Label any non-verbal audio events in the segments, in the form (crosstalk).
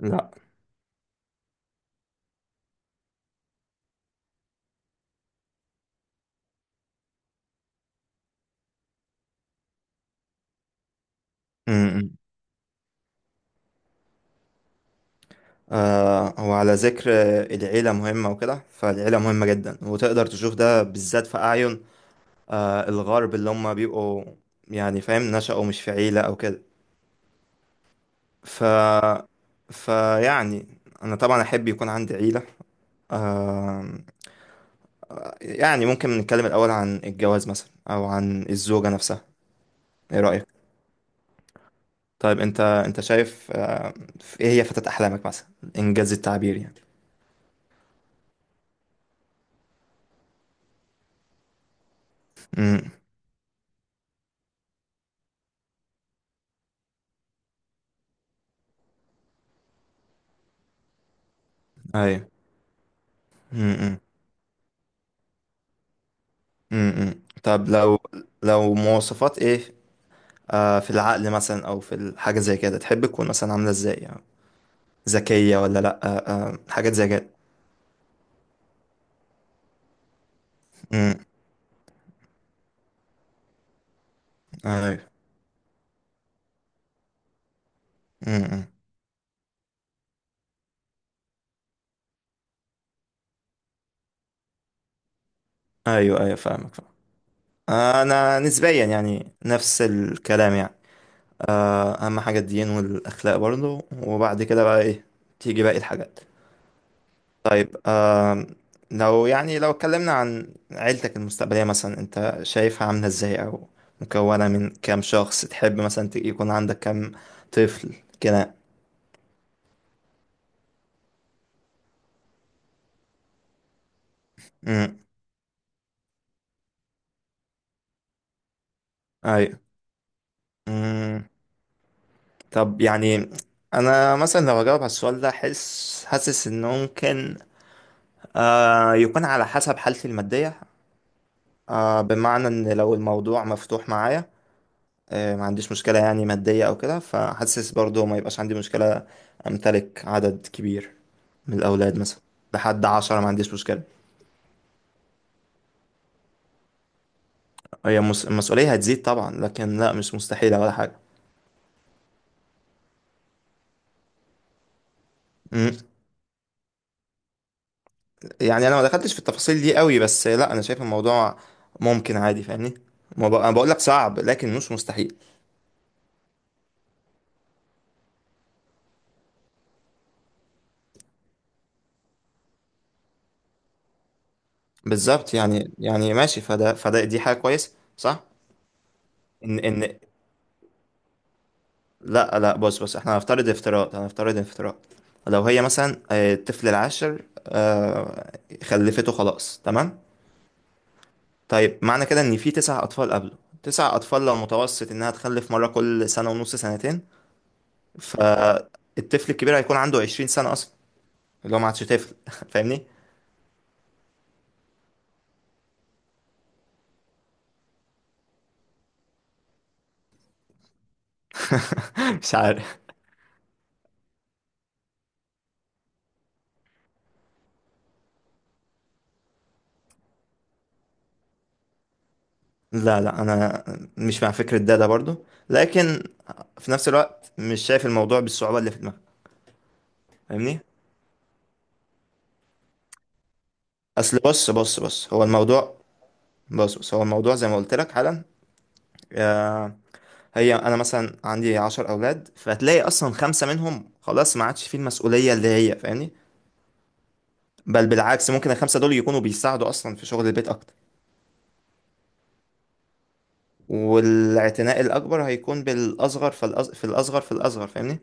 لا م-م. آه هو على ذكر العيلة مهمة وكده، فالعيلة مهمة جدا وتقدر تشوف ده بالذات في أعين الغرب اللي هم بيبقوا يعني فاهم، نشأوا مش في عيلة أو كده. ف فيعني أنا طبعا أحب يكون عندي عيلة. آم، يعني ممكن نتكلم الأول عن الجواز مثلا أو عن الزوجة نفسها. إيه رأيك؟ طيب، أنت شايف إيه هي فتاة أحلامك مثلا؟ إنجاز التعبير يعني. م-م. أيوه. امم، طب لو لو مواصفات ايه، في العقل مثلا او في الحاجه زي كده، تحب تكون مثلا عامله ازاي يعني؟ ذكيه ولا لا؟ حاجات زي كده. امم، ايوه، امم. ايوه ايوه، فاهمك فاهم. انا نسبيا يعني نفس الكلام يعني. اهم حاجه الدين والاخلاق برضه، وبعد كده بقى ايه تيجي باقي الحاجات. طيب، لو يعني لو اتكلمنا عن عيلتك المستقبلية مثلا، انت شايفها عاملة ازاي، او مكونة من كام شخص؟ تحب مثلا يكون عندك كام طفل كده؟ امم، ايوه، امم. طب يعني انا مثلا لو اجاوب على السؤال ده، حاسس ان ممكن يكون على حسب حالتي المادية. آه، بمعنى ان لو الموضوع مفتوح معايا، ما عنديش مشكلة يعني مادية او كده، فحاسس برضو ما يبقاش عندي مشكلة امتلك عدد كبير من الأولاد مثلا. لحد 10 ما عنديش مشكلة. المسؤولية هتزيد طبعا، لكن لا مش مستحيلة ولا حاجة. مم. يعني أنا ما دخلتش في التفاصيل دي قوي، بس لا، أنا شايف الموضوع ممكن عادي، فاهمني. ما بق- أنا بقول لك صعب لكن مش مستحيل. بالظبط. يعني ماشي، فده دي حاجة كويسة، صح. إن إن لا لا، بص إحنا هنفترض افتراض، هنفترض افتراض. لو هي مثلا آه، الطفل العاشر آه، خلفته خلاص، تمام. طيب معنى كده ان في تسع اطفال قبله، تسع اطفال، لو متوسط انها تخلف مره كل سنه ونص، سنتين، فالطفل الكبير هيكون عنده 20 سنه اصلا، اللي هو ما عادش طفل (laughs) فاهمني. مش عارف. لا لا، انا مش مع فكره ده، ده برضو. لكن في نفس الوقت مش شايف الموضوع بالصعوبه اللي في دماغك، فاهمني. بص هو الموضوع، بص هو الموضوع زي ما قلت لك حالا. آه، هي انا مثلا عندي 10 اولاد، فهتلاقي اصلا خمسه منهم خلاص ما عادش فيه المسؤوليه اللي هي فاهمني. بل بالعكس، ممكن الخمسة دول يكونوا بيساعدوا أصلا في شغل البيت أكتر، والاعتناء الأكبر هيكون بالأصغر. في الأصغر في الأصغر، فاهمني؟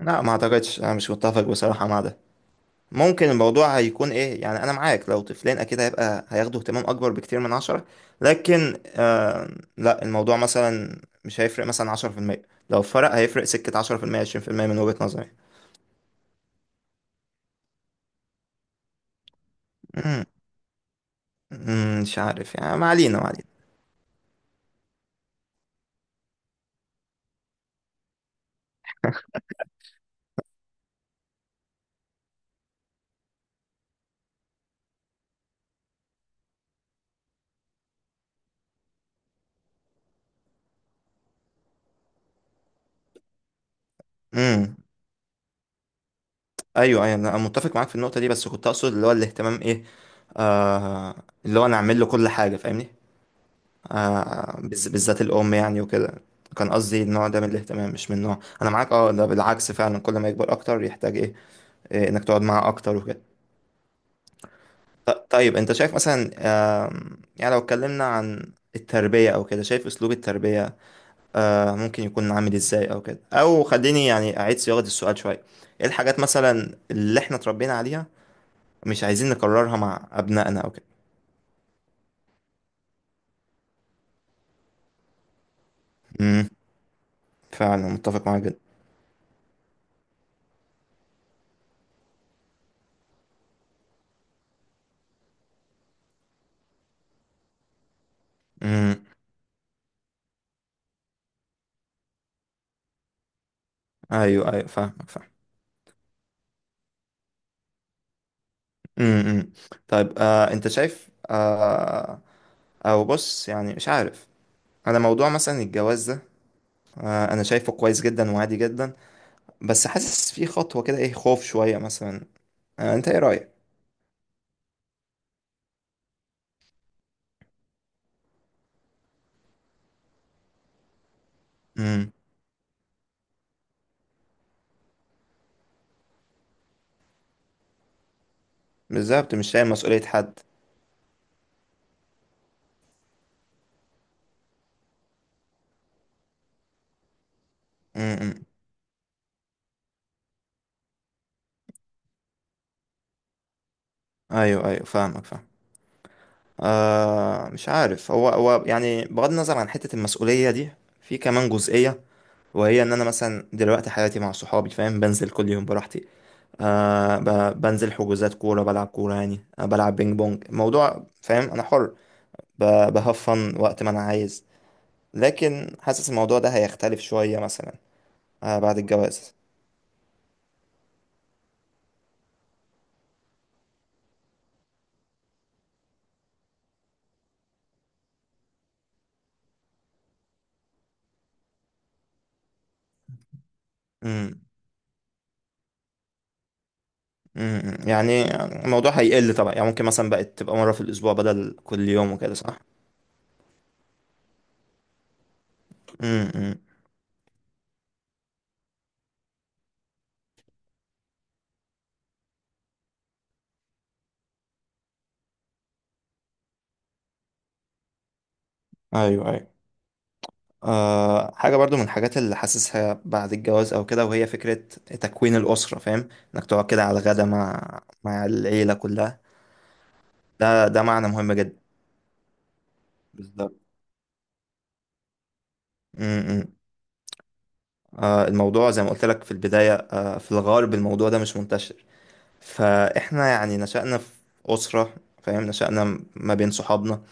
لا ما أعتقدش، أنا مش متفق بصراحة مع ده. ممكن الموضوع هيكون إيه يعني، أنا معاك لو طفلين أكيد هيبقى هياخدوا اهتمام أكبر بكتير من 10، لكن آه... لا، الموضوع مثلا مش هيفرق مثلا 10%، لو فرق هيفرق 10%، 20%، من وجهة نظري. مم، مم، مش عارف يعني، ما علينا، ما علينا. ايوه ايوه، انا متفق معاك في النقطه دي، بس كنت اقصد اللي هو الاهتمام ايه، آه اللي هو انا اعمل له كل حاجه، فاهمني. آه، بالذات الام يعني وكده. كان قصدي النوع ده من الاهتمام، مش من نوع انا معاك، اه ده بالعكس، فعلا كل ما يكبر اكتر يحتاج ايه، إيه، انك تقعد معاه اكتر وكده. طيب، انت شايف مثلا يعني لو اتكلمنا عن التربيه او كده، شايف اسلوب التربيه ممكن يكون عامل ازاي، او كده، او خليني يعني اعيد صياغه السؤال شويه، ايه الحاجات مثلا اللي احنا اتربينا عليها مش عايزين نكررها مع أبنائنا أو كده؟ امم، فعلا متفق معاك جدا. امم، أيوه أيوه، فاهمك فاهم. امم. طيب أنت شايف آه، أو بص يعني مش عارف، أنا موضوع مثلا الجواز ده، أنا شايفه كويس جدا وعادي جدا، بس حاسس فيه خطوة كده إيه، خوف شوية مثلا. آه، أنت إيه رأيك؟ امم، بالظبط، مش شايل مسؤولية حد. امم، أيوه أيوه، فاهمك فاهم. مش عارف، هو يعني بغض النظر عن حتة المسؤولية دي، في كمان جزئية، وهي ان انا مثلا دلوقتي حياتي مع صحابي، فاهم، بنزل كل يوم براحتي، آه، بنزل حجوزات كوره، بلعب كوره يعني، آه، بلعب بينج بونج، موضوع، فاهم انا حر، بهفن وقت ما انا عايز. لكن حاسس الموضوع ده هيختلف شويه مثلا بعد الجواز. امم، امم. يعني الموضوع هيقل طبعا يعني، ممكن مثلا بقت تبقى مره في الاسبوع بدل كل يوم وكده، صح. امم، ايوه ايوه. أه، حاجة برضو من الحاجات اللي حاسسها بعد الجواز أو كده، وهي فكرة تكوين الأسرة، فاهم، إنك تقعد كده على الغدا مع العيلة كلها. ده ده معنى مهم جدا. بالظبط. م- م. أه الموضوع زي ما قلت لك في البداية، أه في الغرب الموضوع ده مش منتشر، فإحنا يعني نشأنا في أسرة، فاهم، نشأنا ما بين صحابنا،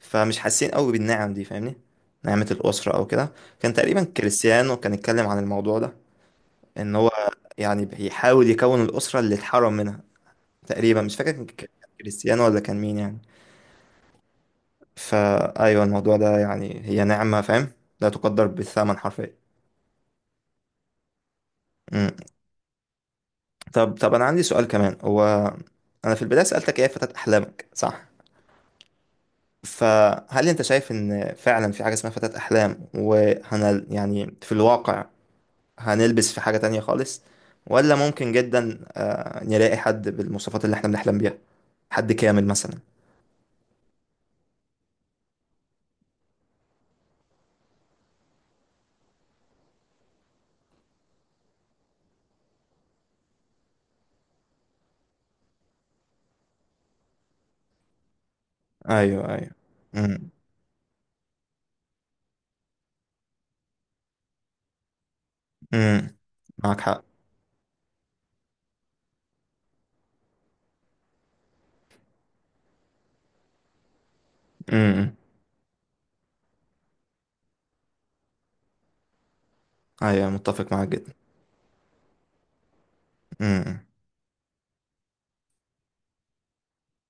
فمش حاسين قوي بالنعم دي، فاهمني، نعمة الأسرة أو كده. كان تقريبا كريستيانو كان اتكلم عن الموضوع ده، ان هو يعني بيحاول يكون الاسره اللي اتحرم منها. تقريبا مش فاكر، كان كريستيانو ولا كان مين يعني. فايوه الموضوع ده يعني هي نعمه، فاهم، لا تقدر بالثمن حرفيا. مم. طب، انا عندي سؤال كمان، هو انا في البدايه سالتك ايه فتاة احلامك، صح؟ فهل انت شايف ان فعلا في حاجه اسمها فتاة احلام، وهنل يعني في الواقع هنلبس في حاجه تانية خالص، ولا ممكن جدا آه، نلاقي حد بالمواصفات اللي احنا بنحلم بيها، حد كامل مثلا؟ ايوه ايوه، امم، امم، معاك حق. امم، ايوه متفق معاك جدا. امم، امم.